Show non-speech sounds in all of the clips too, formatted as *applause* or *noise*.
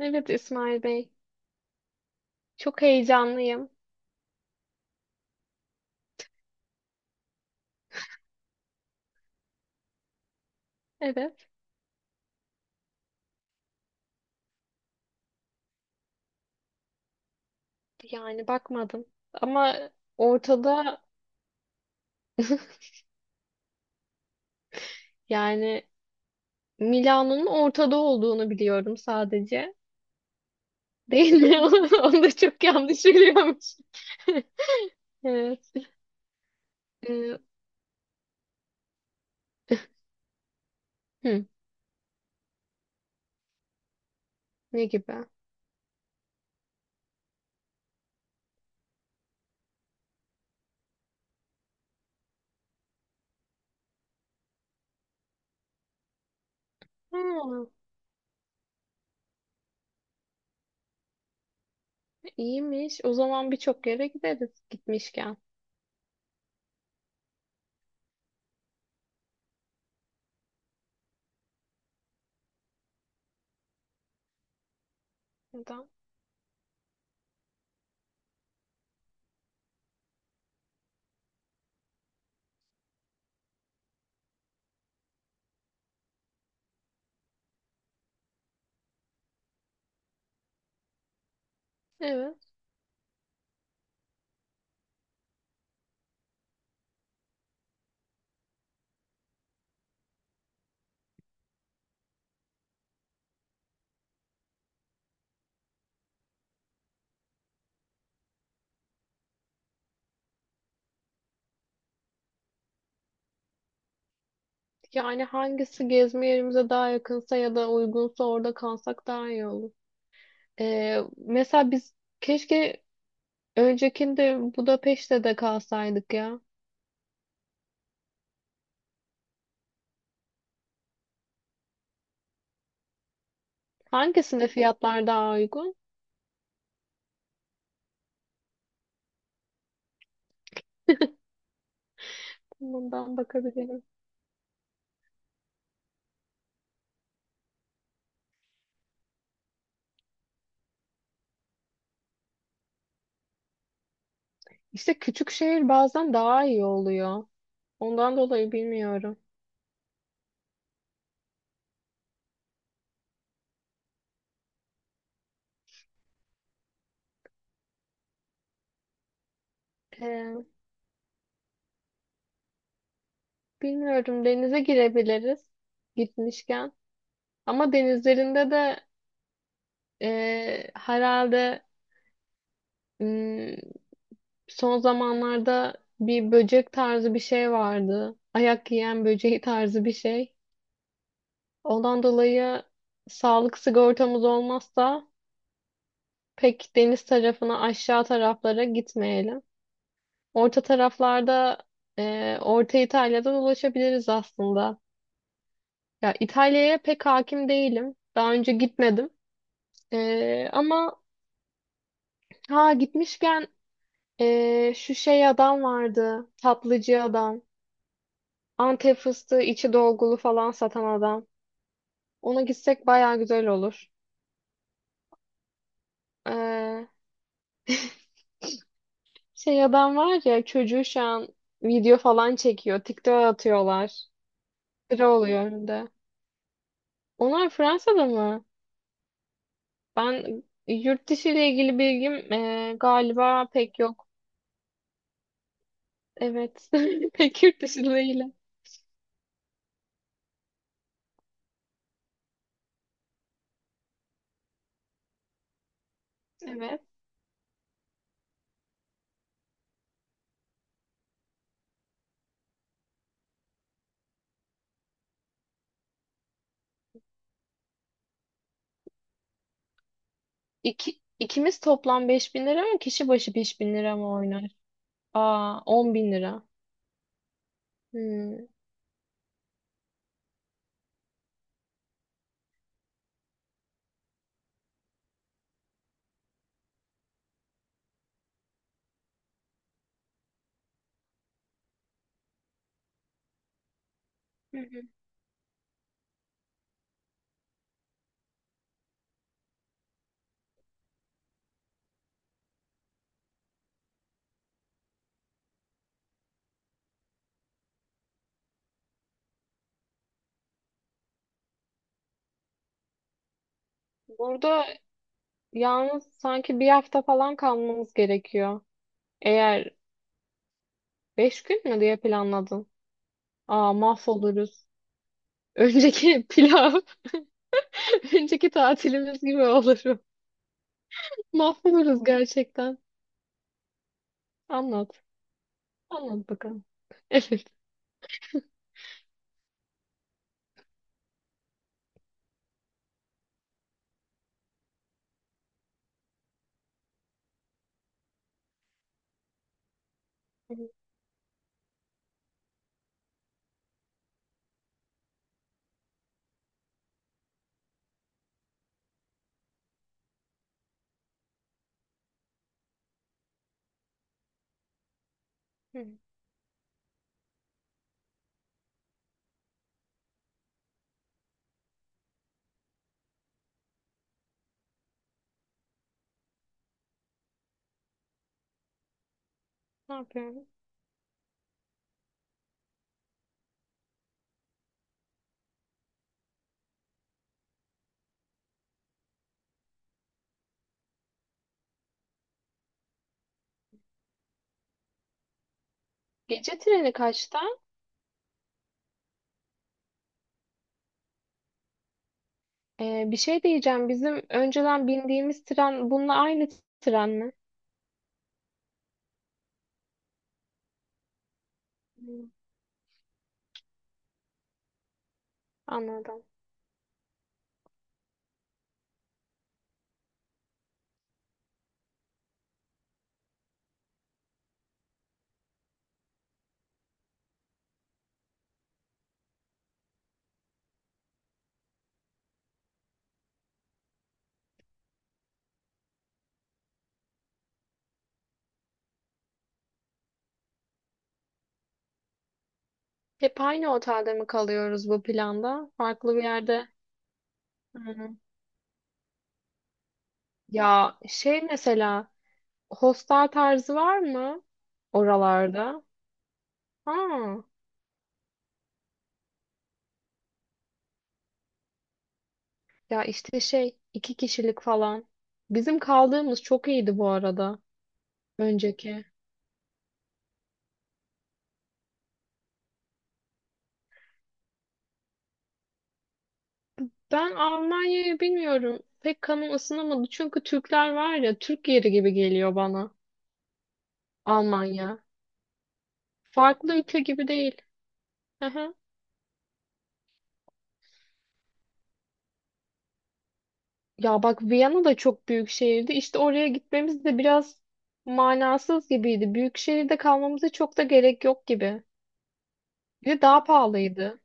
Evet İsmail Bey. Çok heyecanlıyım. Evet. Yani bakmadım. Ama ortada *laughs* yani Milano'nun ortada olduğunu biliyorum sadece. Değil mi? *laughs* Onu da çok yanlış biliyormuş. *laughs* Evet. Ee, hı, Ne gibi? Ha, iyiymiş. O zaman birçok yere gideriz gitmişken. Neden? Evet. Yani hangisi gezme yerimize daha yakınsa ya da uygunsa orada kalsak daha iyi olur. Mesela biz keşke öncekinde Budapeşte de kalsaydık ya. Hangisinde fiyatlar daha uygun? *laughs* Bundan bakabilirim. İşte küçük şehir bazen daha iyi oluyor. Ondan dolayı bilmiyorum. Ee, Bilmiyorum, denize girebiliriz gitmişken. Ama denizlerinde de herhalde mm, son zamanlarda bir böcek tarzı bir şey vardı. Ayak yiyen böceği tarzı bir şey. Ondan dolayı sağlık sigortamız olmazsa pek deniz tarafına aşağı taraflara gitmeyelim. Orta taraflarda Orta İtalya'dan ulaşabiliriz aslında. Ya İtalya'ya pek hakim değilim. Daha önce gitmedim. Ama ha gitmişken şu şey adam vardı. Tatlıcı adam. Antep fıstığı içi dolgulu falan satan adam. Ona gitsek baya güzel olur. E, Şey adam var ya, çocuğu şu an video falan çekiyor. TikTok'a atıyorlar. Sıra oluyor önünde. Onlar Fransa'da mı? Ben yurt dışı ile ilgili bilgim galiba pek yok. Evet. *laughs* Pek yurt dışı değil. Evet. İki, ikimiz toplam 5.000 lira mı? Kişi başı 5.000 lira mı oynar? Aa, 10.000 lira. Hmm. Hı hı. Burada yalnız sanki bir hafta falan kalmamız gerekiyor. Eğer 5 gün mü diye planladın? Aa, mahvoluruz. Önceki pilav, *laughs* önceki tatilimiz gibi olur. Mahvoluruz gerçekten. Anlat. Anlat bakalım. *laughs* Evet. Hı hı. Ne yapıyorum? Gece treni kaçta? Bir şey diyeceğim. Bizim önceden bindiğimiz tren bununla aynı tren mi? Hı. Anladım. Hep aynı otelde mi kalıyoruz bu planda? Farklı bir yerde. Hı. Ya şey, mesela hostel tarzı var mı oralarda? Ha. Ya işte şey, iki kişilik falan. Bizim kaldığımız çok iyiydi bu arada, önceki. Ben Almanya'yı bilmiyorum. Pek kanım ısınamadı. Çünkü Türkler var ya, Türk yeri gibi geliyor bana Almanya. Farklı ülke gibi değil. Aha. Ya bak, Viyana da çok büyük şehirdi. İşte oraya gitmemiz de biraz manasız gibiydi. Büyük şehirde kalmamıza çok da gerek yok gibi. Bir de daha pahalıydı.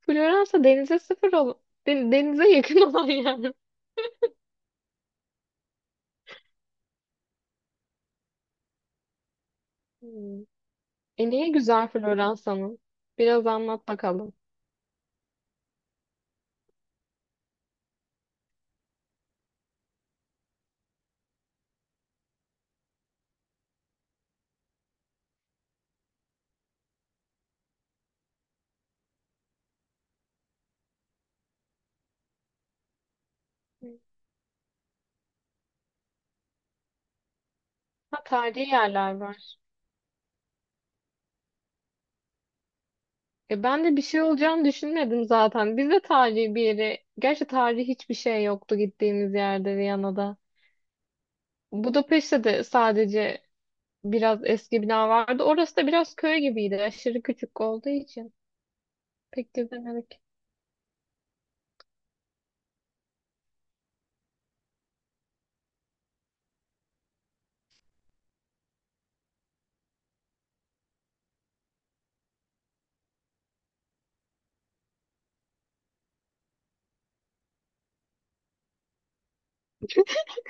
Floransa denize sıfır denize yakın *laughs* olan yer. Hmm. E, niye güzel Floransa'nın? Biraz anlat bakalım. Ha, tarihi yerler var. E, ben de bir şey olacağını düşünmedim zaten. Biz de tarihi bir yere. Gerçi tarihi hiçbir şey yoktu gittiğimiz yerde, Viyana'da. Budapeşte de sadece biraz eski bina vardı. Orası da biraz köy gibiydi. Aşırı küçük olduğu için. Pek gezemedik.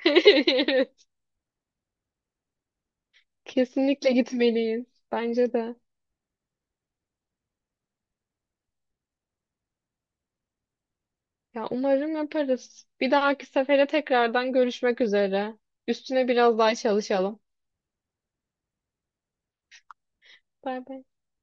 *laughs* Evet, kesinlikle gitmeliyiz. Bence de. Ya umarım yaparız. Bir dahaki sefere tekrardan görüşmek üzere. Üstüne biraz daha çalışalım. Bay bay.